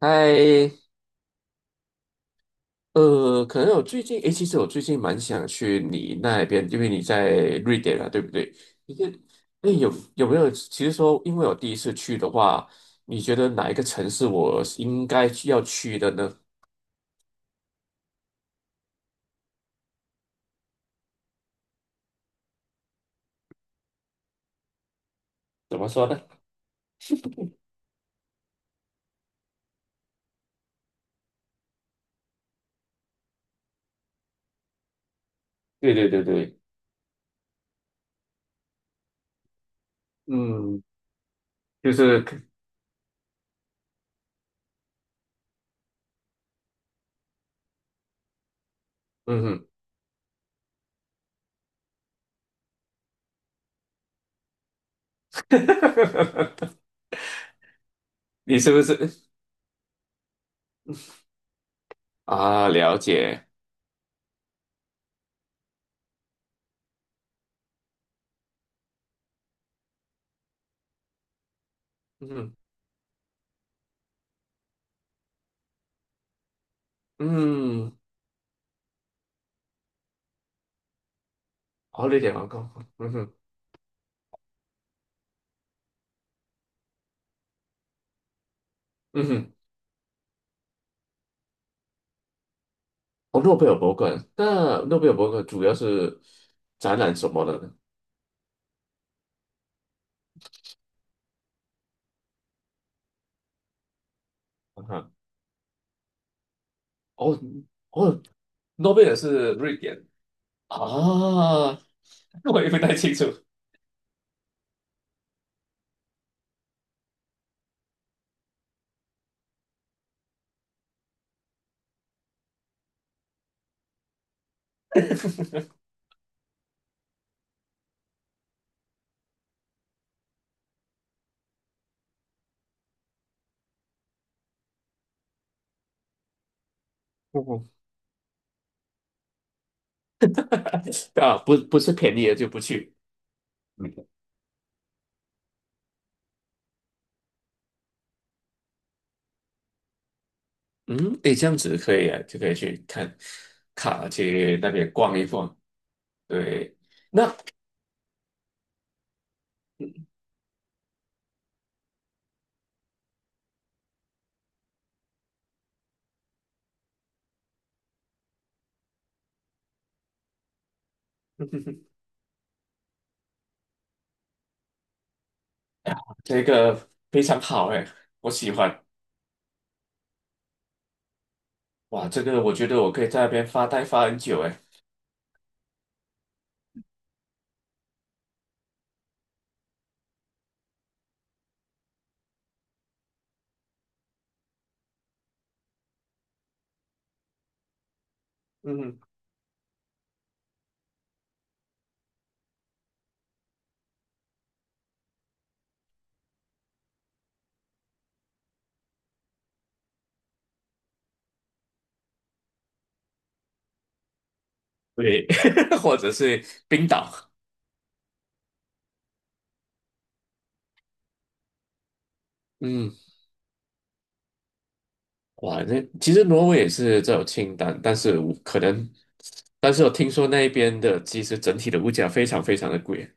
嗨。可能我最近，诶，其实我最近蛮想去你那边，因为你在瑞典啊，对不对？你看，诶，有没有？其实说，因为我第一次去的话，你觉得哪一个城市我是应该需要去的呢？怎么说呢？对对对对。嗯，就是。嗯哼。你是不是啊？了解。嗯哼，嗯。好，瑞典王宫。嗯哼，嗯哼。哦，诺贝尔博物馆，那诺贝尔博物馆主要是展览什么的呢？啊哈。哦哦，诺贝尔是瑞典。啊，我也不太清楚。哦，啊，不是便宜的就不去。嗯。嗯。诶，这样子可以啊，就可以去看卡去那边逛一逛。对。那 这个非常好哎，我喜欢。哇，这个我觉得我可以在那边发呆发很久哎。嗯。对。或者是冰岛。嗯。哇，那其实挪威也是这种清单，但是我可能，但是我听说那边的其实整体的物价非常非常的贵。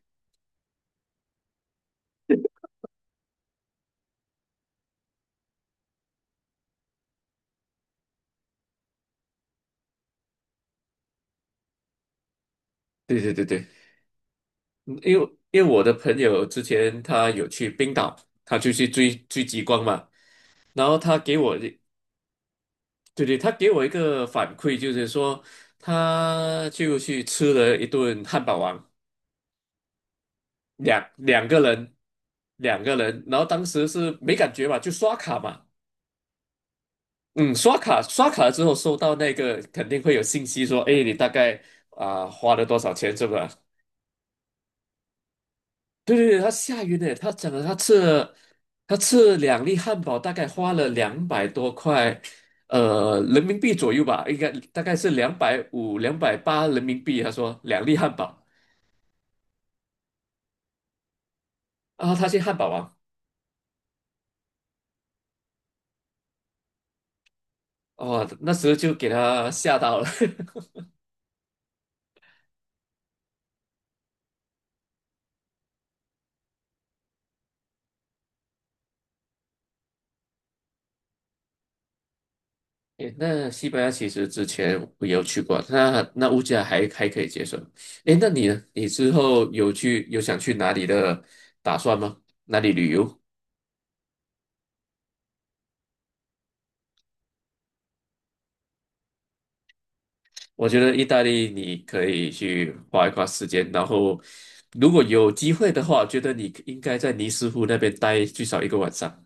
对对对对。嗯，因为我的朋友之前他有去冰岛，他就去追追极光嘛。然后他给我一，对对，他给我一个反馈，就是说他就去吃了一顿汉堡王，两两个人，两个人,然后当时是没感觉嘛，就刷卡嘛。嗯，刷卡了之后收到那个肯定会有信息说，哎，你大概啊、花了多少钱，是吧？对对对，他吓晕了，他讲了他吃了两粒汉堡，大概花了200多块。人民币左右吧，应该大概是250、280人民币。他说两粒汉堡。啊，他去汉堡王。哦，那时候就给他吓到了。诶，那西班牙其实之前我有去过，那物价还可以接受。诶，那你呢？你之后有想去哪里的打算吗？哪里旅游？我觉得意大利你可以去花一花时间。然后如果有机会的话，我觉得你应该在尼斯湖那边待最少一个晚上。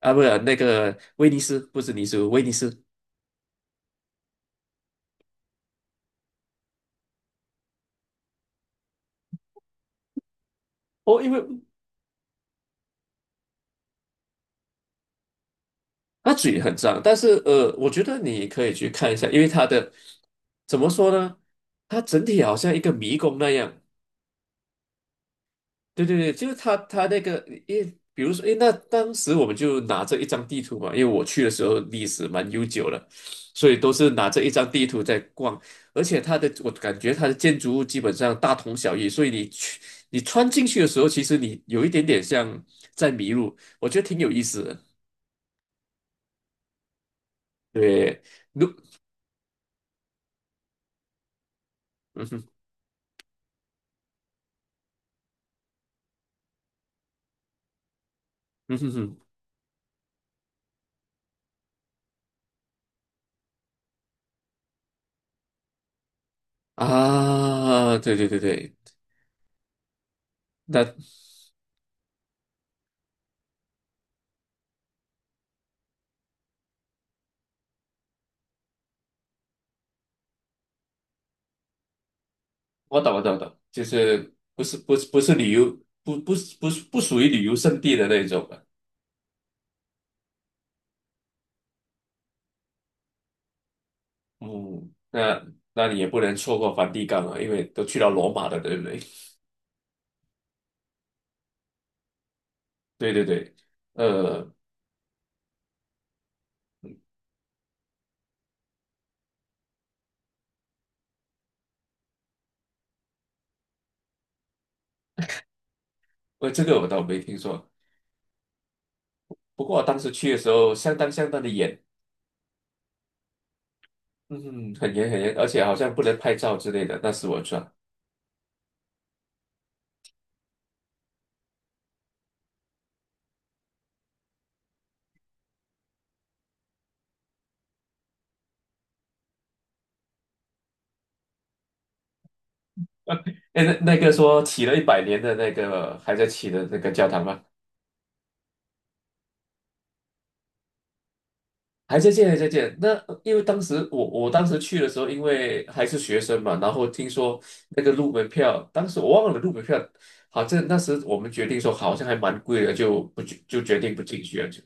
啊，不是那个威尼斯，不是尼斯湖，威尼斯。哦，因为它嘴很脏。但是我觉得你可以去看一下，因为它的怎么说呢？它整体好像一个迷宫那样。对对对，就是它那个，因为比如说，诶，那当时我们就拿着一张地图嘛，因为我去的时候历史蛮悠久了，所以都是拿着一张地图在逛。而且它的，我感觉它的建筑物基本上大同小异，所以你穿进去的时候，其实你有一点点像在迷路，我觉得挺有意思的。对。如嗯哼，嗯哼哼。啊，对对对对。那我懂我懂我懂，就是不是不是不是旅游，不属于旅游胜地的那种的。嗯，那你也不能错过梵蒂冈啊，因为都去到罗马了，对不对？对对对。呃，这个我倒没听说。不过我当时去的时候，相当相当的严。嗯，很严很严，而且好像不能拍照之类的，那是我错。哎，那那个说起了100年的那个还在起的那个教堂吗？还在见，还在见。那因为当时我当时去的时候，因为还是学生嘛，然后听说那个入门票，当时我忘了入门票，好像那时我们决定说好像还蛮贵的，就不去就决定不进去了，就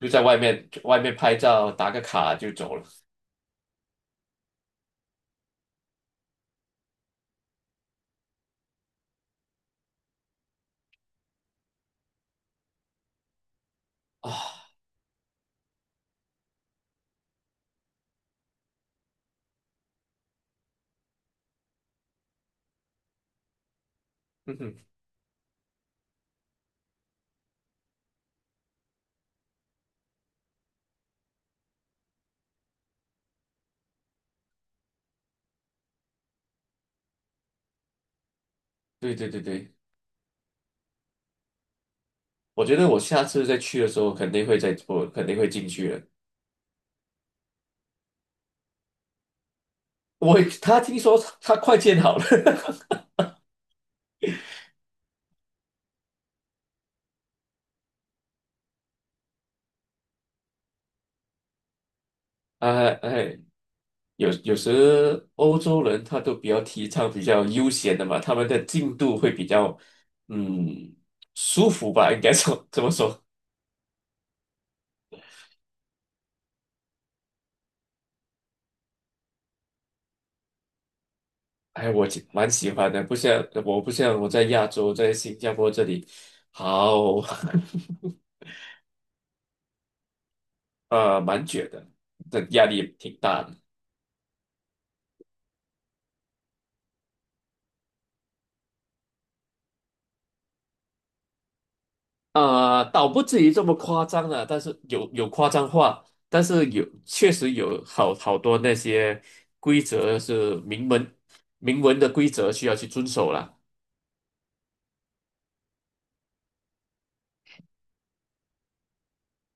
就在外面拍照打个卡就走了啊。嗯哼。对对对对，我觉得我下次再去的时候肯定会再我肯定会进去的。他听说他快建好了。哎哎。有时欧洲人他都比较提倡比较悠闲的嘛，他们的进度会比较嗯舒服吧，应该说 这么说。哎，我蛮喜欢的，不像我在亚洲，在新加坡这里。好。 蛮卷的，这压力挺大的。倒不至于这么夸张了，但是有夸张话，但是确实有好多那些规则是明文的规则需要去遵守啦。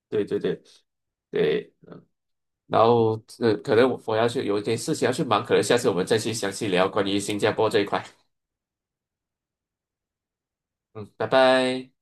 对对对对。然后可能我要去有一点事情要去忙，可能下次我们再去详细聊关于新加坡这一块。嗯，拜拜。